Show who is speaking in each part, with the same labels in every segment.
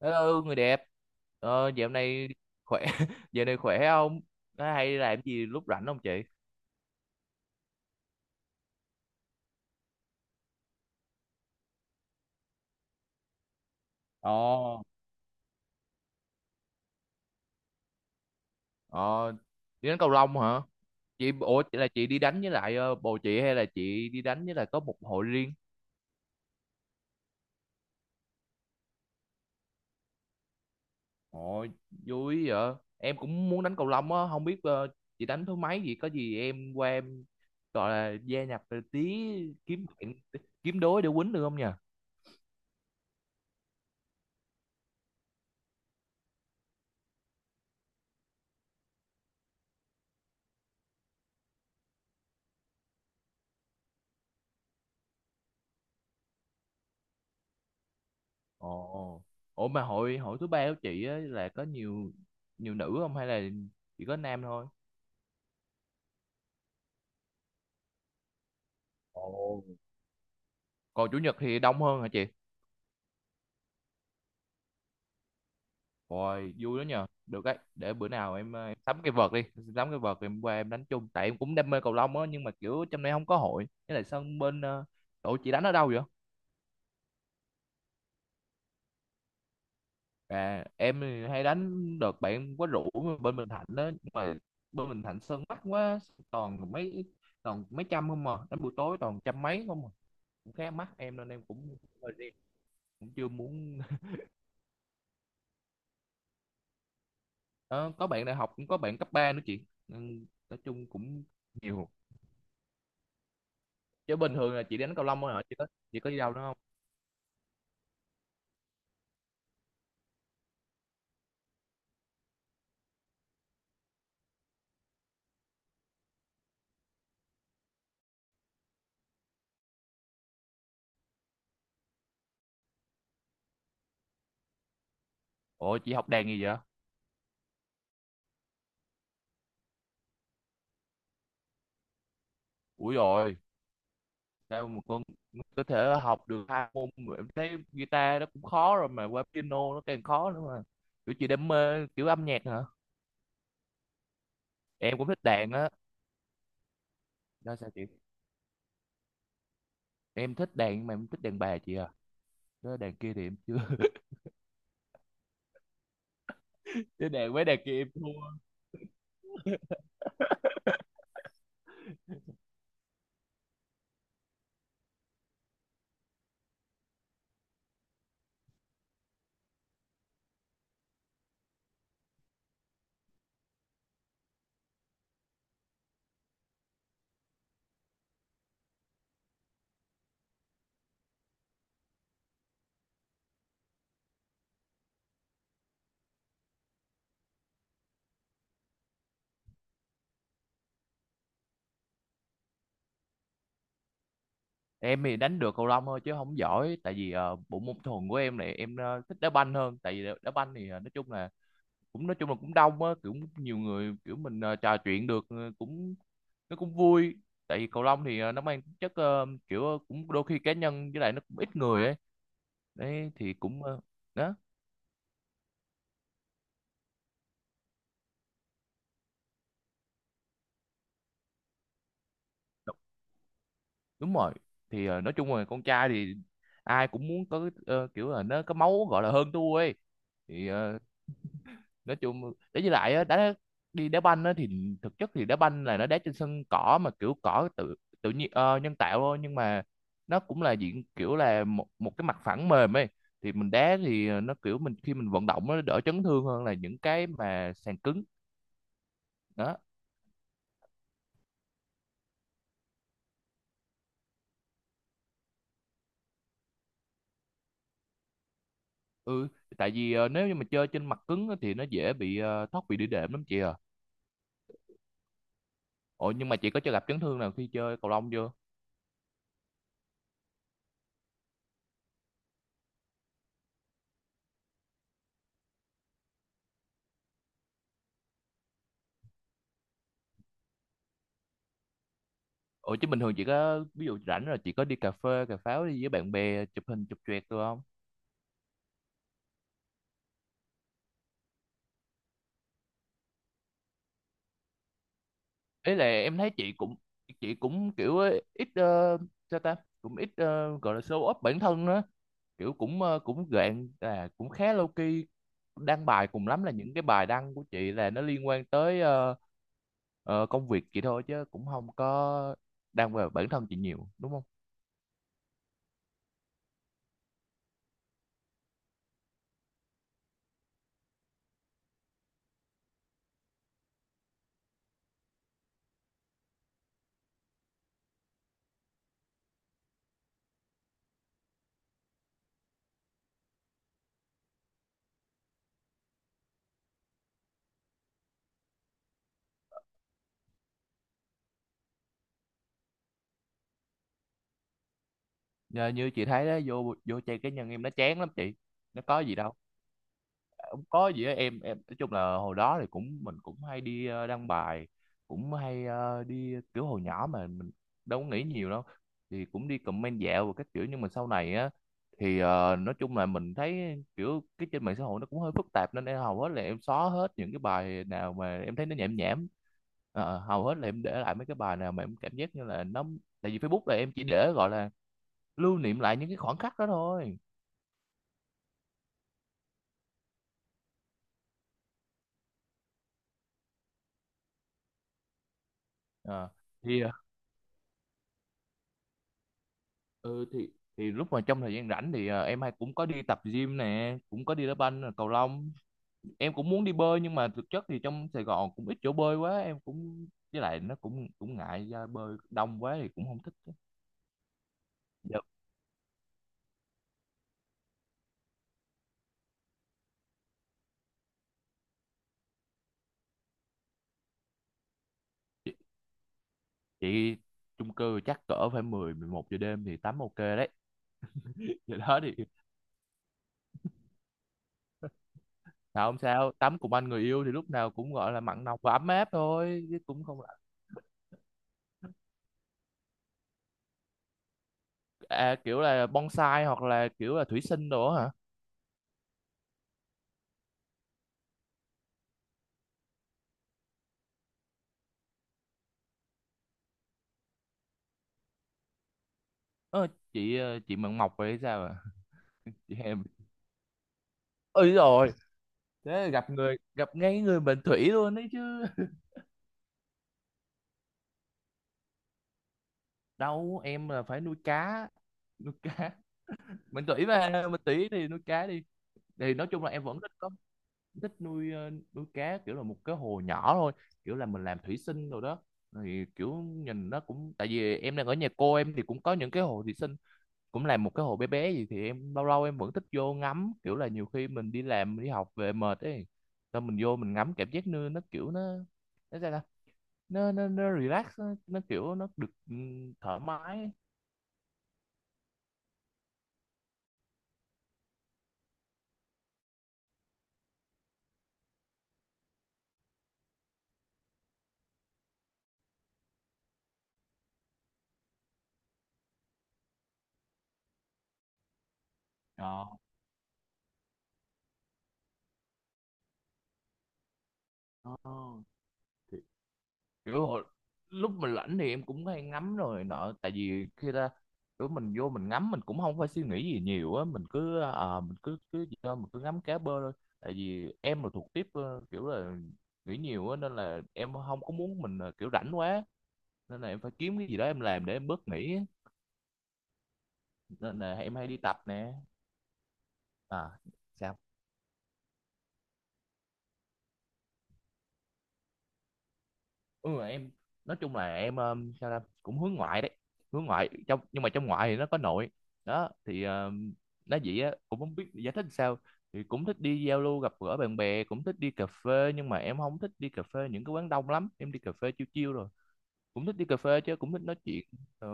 Speaker 1: Hello người đẹp, dạo này khỏe dạo này khỏe không? Có hay làm gì lúc rảnh không chị? Ồ. Ờ. Đi đánh cầu lông hả? Chị, ủa là chị đi đánh với lại bồ chị, hay là chị đi đánh với lại có một hội riêng? Ồ, vui vậy. Em cũng muốn đánh cầu lông á, không biết chị đánh thứ mấy vậy? Có gì em qua em gọi là gia nhập tí, kiếm bạn, kiếm đối để quýnh được không nhỉ? Ồ. Ủa mà hội hội thứ ba của chị á là có nhiều nhiều nữ không, hay là chỉ có nam thôi? Ồ. Còn chủ nhật thì đông hơn hả chị? Rồi, vui đó nhờ. Được đấy, để bữa nào em sắm cái vợt đi. Em sắm cái vợt rồi em qua em đánh chung, tại em cũng đam mê cầu lông á, nhưng mà kiểu trong này không có hội. Với lại sân bên. Ờ, ủa chị đánh ở đâu vậy? À, em thì hay đánh đợt bạn em có rủ bên Bình Thạnh đó, nhưng mà bên Bình Thạnh sân mắc quá, toàn mấy toàn mấy trăm không, mà đánh buổi tối toàn trăm mấy không à. Cũng khá mắc em, nên em cũng hơi rén, cũng chưa muốn. Ờ, có bạn đại học, cũng có bạn cấp 3 nữa chị, nên nói chung cũng nhiều. Chứ bình thường là chị đánh cầu lông thôi hả, chị có đi đâu nữa không? Ủa chị học đàn gì vậy? Ủi rồi. Sao mà con có thể học được hai môn, mà em thấy guitar nó cũng khó rồi mà qua piano nó càng khó nữa. Mà kiểu chị đam mê kiểu âm nhạc hả? Em cũng thích đàn á. Đó sao chị? Em thích đàn, mà em thích đàn bà chị à. Đó, đàn kia thì em chưa. Chứ đàn với đàn kia em thua. Em thì đánh được cầu lông thôi chứ không giỏi, tại vì bộ môn thuần của em này em thích đá banh hơn, tại vì đá đá banh thì nói chung là cũng nói chung là cũng đông á, kiểu nhiều người, kiểu mình trò chuyện được, cũng nó cũng vui. Tại vì cầu lông thì nó mang tính chất kiểu cũng đôi khi cá nhân, với lại nó cũng ít người ấy, đấy thì cũng đó. Đúng rồi, thì nói chung là con trai thì ai cũng muốn có kiểu là nó có máu gọi là hơn thua ấy, thì nói chung đấy, với lại á, đi đá banh á thì thực chất thì đá banh là nó đá trên sân cỏ, mà kiểu cỏ tự tự nhiên, nhân tạo thôi, nhưng mà nó cũng là diện kiểu là một một cái mặt phẳng mềm ấy, thì mình đá thì nó kiểu mình khi mình vận động nó đỡ chấn thương hơn là những cái mà sàn cứng đó. Ừ, tại vì nếu như mà chơi trên mặt cứng á thì nó dễ bị thoát bị đĩa đệm lắm chị à. Ủa nhưng mà chị có cho gặp chấn thương nào khi chơi cầu lông chưa? Ủa chứ bình thường chị có, ví dụ rảnh rồi chị có đi cà phê cà pháo đi với bạn bè, chụp hình chụp choẹt được không? Ý là em thấy chị cũng kiểu ấy, ít sao ta, cũng ít gọi là show off bản thân nữa, kiểu cũng cũng gạn là cũng khá low key, đăng bài cùng lắm là những cái bài đăng của chị là nó liên quan tới công việc chị thôi, chứ cũng không có đăng về bản thân chị nhiều đúng không? Nhờ, như chị thấy đó, vô vô trang cá nhân em nó chán lắm chị, nó có gì đâu, không có gì á. Em nói chung là hồi đó thì cũng mình cũng hay đi đăng bài, cũng hay đi kiểu hồi nhỏ mà mình đâu có nghĩ nhiều đâu, thì cũng đi comment dạo và các kiểu, nhưng mà sau này á thì nói chung là mình thấy kiểu cái trên mạng xã hội nó cũng hơi phức tạp, nên em hầu hết là em xóa hết những cái bài nào mà em thấy nó nhảm nhảm. Ờ, hầu hết là em để lại mấy cái bài nào mà em cảm giác như là nó, tại vì Facebook là em chỉ để gọi là lưu niệm lại những cái khoảnh khắc đó thôi. Ờ. Thì ừ thì lúc mà trong thời gian rảnh thì à, em hay cũng có đi tập gym nè, cũng có đi đá banh, cầu lông. Em cũng muốn đi bơi, nhưng mà thực chất thì trong Sài Gòn cũng ít chỗ bơi quá em cũng, với lại nó cũng cũng ngại, ra bơi đông quá thì cũng không thích. Dạ. chị, chị chung cư chắc cỡ phải mười, mười một giờ đêm thì tắm ok đấy. vậy đó thì sao không, sao tắm cùng anh người yêu thì lúc nào cũng gọi là mặn nồng và ấm áp thôi, chứ cũng không là. À, kiểu là bonsai hoặc là kiểu là thủy sinh đồ á hả? Ờ, chị ờ, chị mận mọc vậy sao à? Chị. Ừ rồi. Thế là gặp người gặp ngay người mệnh thủy luôn đấy chứ. Đâu em là phải nuôi cá, nuôi cá mệnh thủy mà, mệnh thủy thì nuôi cá đi. Thì nói chung là em vẫn thích có, thích nuôi nuôi cá kiểu là một cái hồ nhỏ thôi, kiểu là mình làm thủy sinh rồi đó, thì kiểu nhìn nó cũng, tại vì em đang ở nhà cô em thì cũng có những cái hồ thủy sinh, cũng làm một cái hồ bé bé gì thì em lâu lâu em vẫn thích vô ngắm, kiểu là nhiều khi mình đi làm đi học về mệt ấy, xong mình vô mình ngắm cảm giác nơi nó kiểu nó sao ta? Nó relax, nó kiểu nó được, ừ, thoải mái ấy. Ờ. Ờ, thì kiểu lúc mình rảnh thì em cũng hay ngắm rồi nọ, tại vì khi ra, kiểu mình vô mình ngắm mình cũng không phải suy nghĩ gì nhiều á, mình cứ à, mình cứ cứ gì đó, mình cứ ngắm cá bơi thôi. Tại vì em là thuộc tiếp kiểu là nghĩ nhiều á, nên là em không có muốn mình là kiểu rảnh quá, nên là em phải kiếm cái gì đó em làm để em bớt nghĩ á. Nên là em hay đi tập nè. À sao. Ừ em nói chung là em sao ta cũng hướng ngoại đấy, hướng ngoại trong nhưng mà trong ngoại thì nó có nội. Đó thì nói vậy á cũng không biết giải thích sao. Thì cũng thích đi giao lưu gặp gỡ bạn bè, cũng thích đi cà phê, nhưng mà em không thích đi cà phê những cái quán đông lắm. Em đi cà phê chill chill rồi cũng thích đi cà phê, chứ cũng thích nói chuyện, ờ,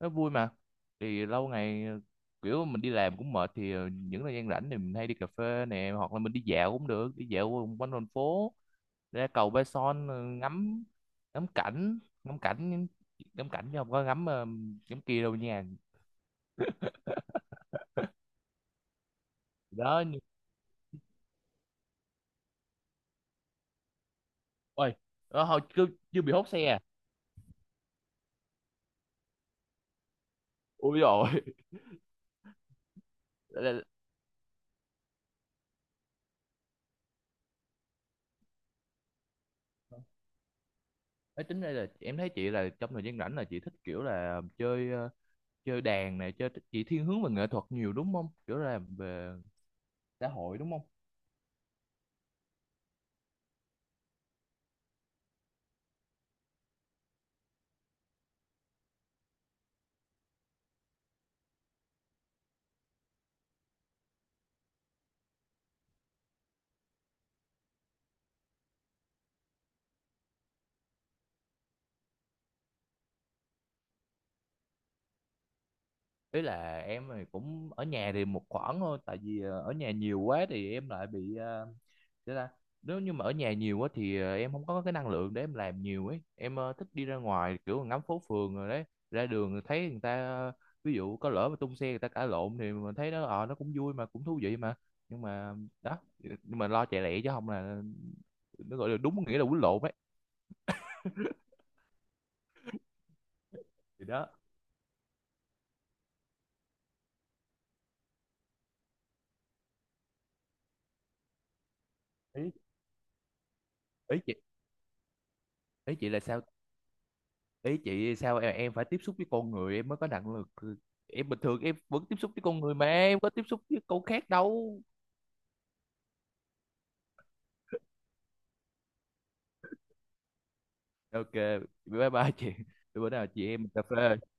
Speaker 1: nó vui mà. Thì lâu ngày kiểu mình đi làm cũng mệt, thì những thời gian rảnh thì mình hay đi cà phê nè, hoặc là mình đi dạo cũng được, đi dạo quanh thành phố, ra cầu Ba Son ngắm, ngắm cảnh, ngắm cảnh, ngắm, cảnh chứ không có ngắm ngắm kia đâu nha. Đó nhưng- Ôi. Đó, hồi chưa, bị hốt xe à. Ui rồi. Ê, tính đây là em thấy chị là trong thời gian rảnh là chị thích kiểu là chơi chơi đàn này chơi, chị thiên hướng về nghệ thuật nhiều đúng không, kiểu là về xã hội đúng không? Ý là em thì cũng ở nhà thì một khoảng thôi, tại vì ở nhà nhiều quá thì em lại bị, thế là nếu như mà ở nhà nhiều quá thì em không có cái năng lượng để em làm nhiều ấy. Em thích đi ra ngoài kiểu ngắm phố phường rồi đấy, ra đường thấy người ta, ví dụ có lỡ mà tung xe người ta cãi lộn thì mình thấy nó, nó cũng vui mà cũng thú vị mà, nhưng mà đó. Nhưng mà lo chạy lẹ chứ không là nó gọi là đúng nghĩa là quýnh lộn ấy. Thì đó. Ý ý chị, ý chị là sao, ý chị sao em phải tiếp xúc với con người em mới có năng lực? Em bình thường em vẫn tiếp xúc với con người mà em có tiếp xúc với con khác đâu. Ok, bye bye chị. Bữa nào chị em mình cà phê.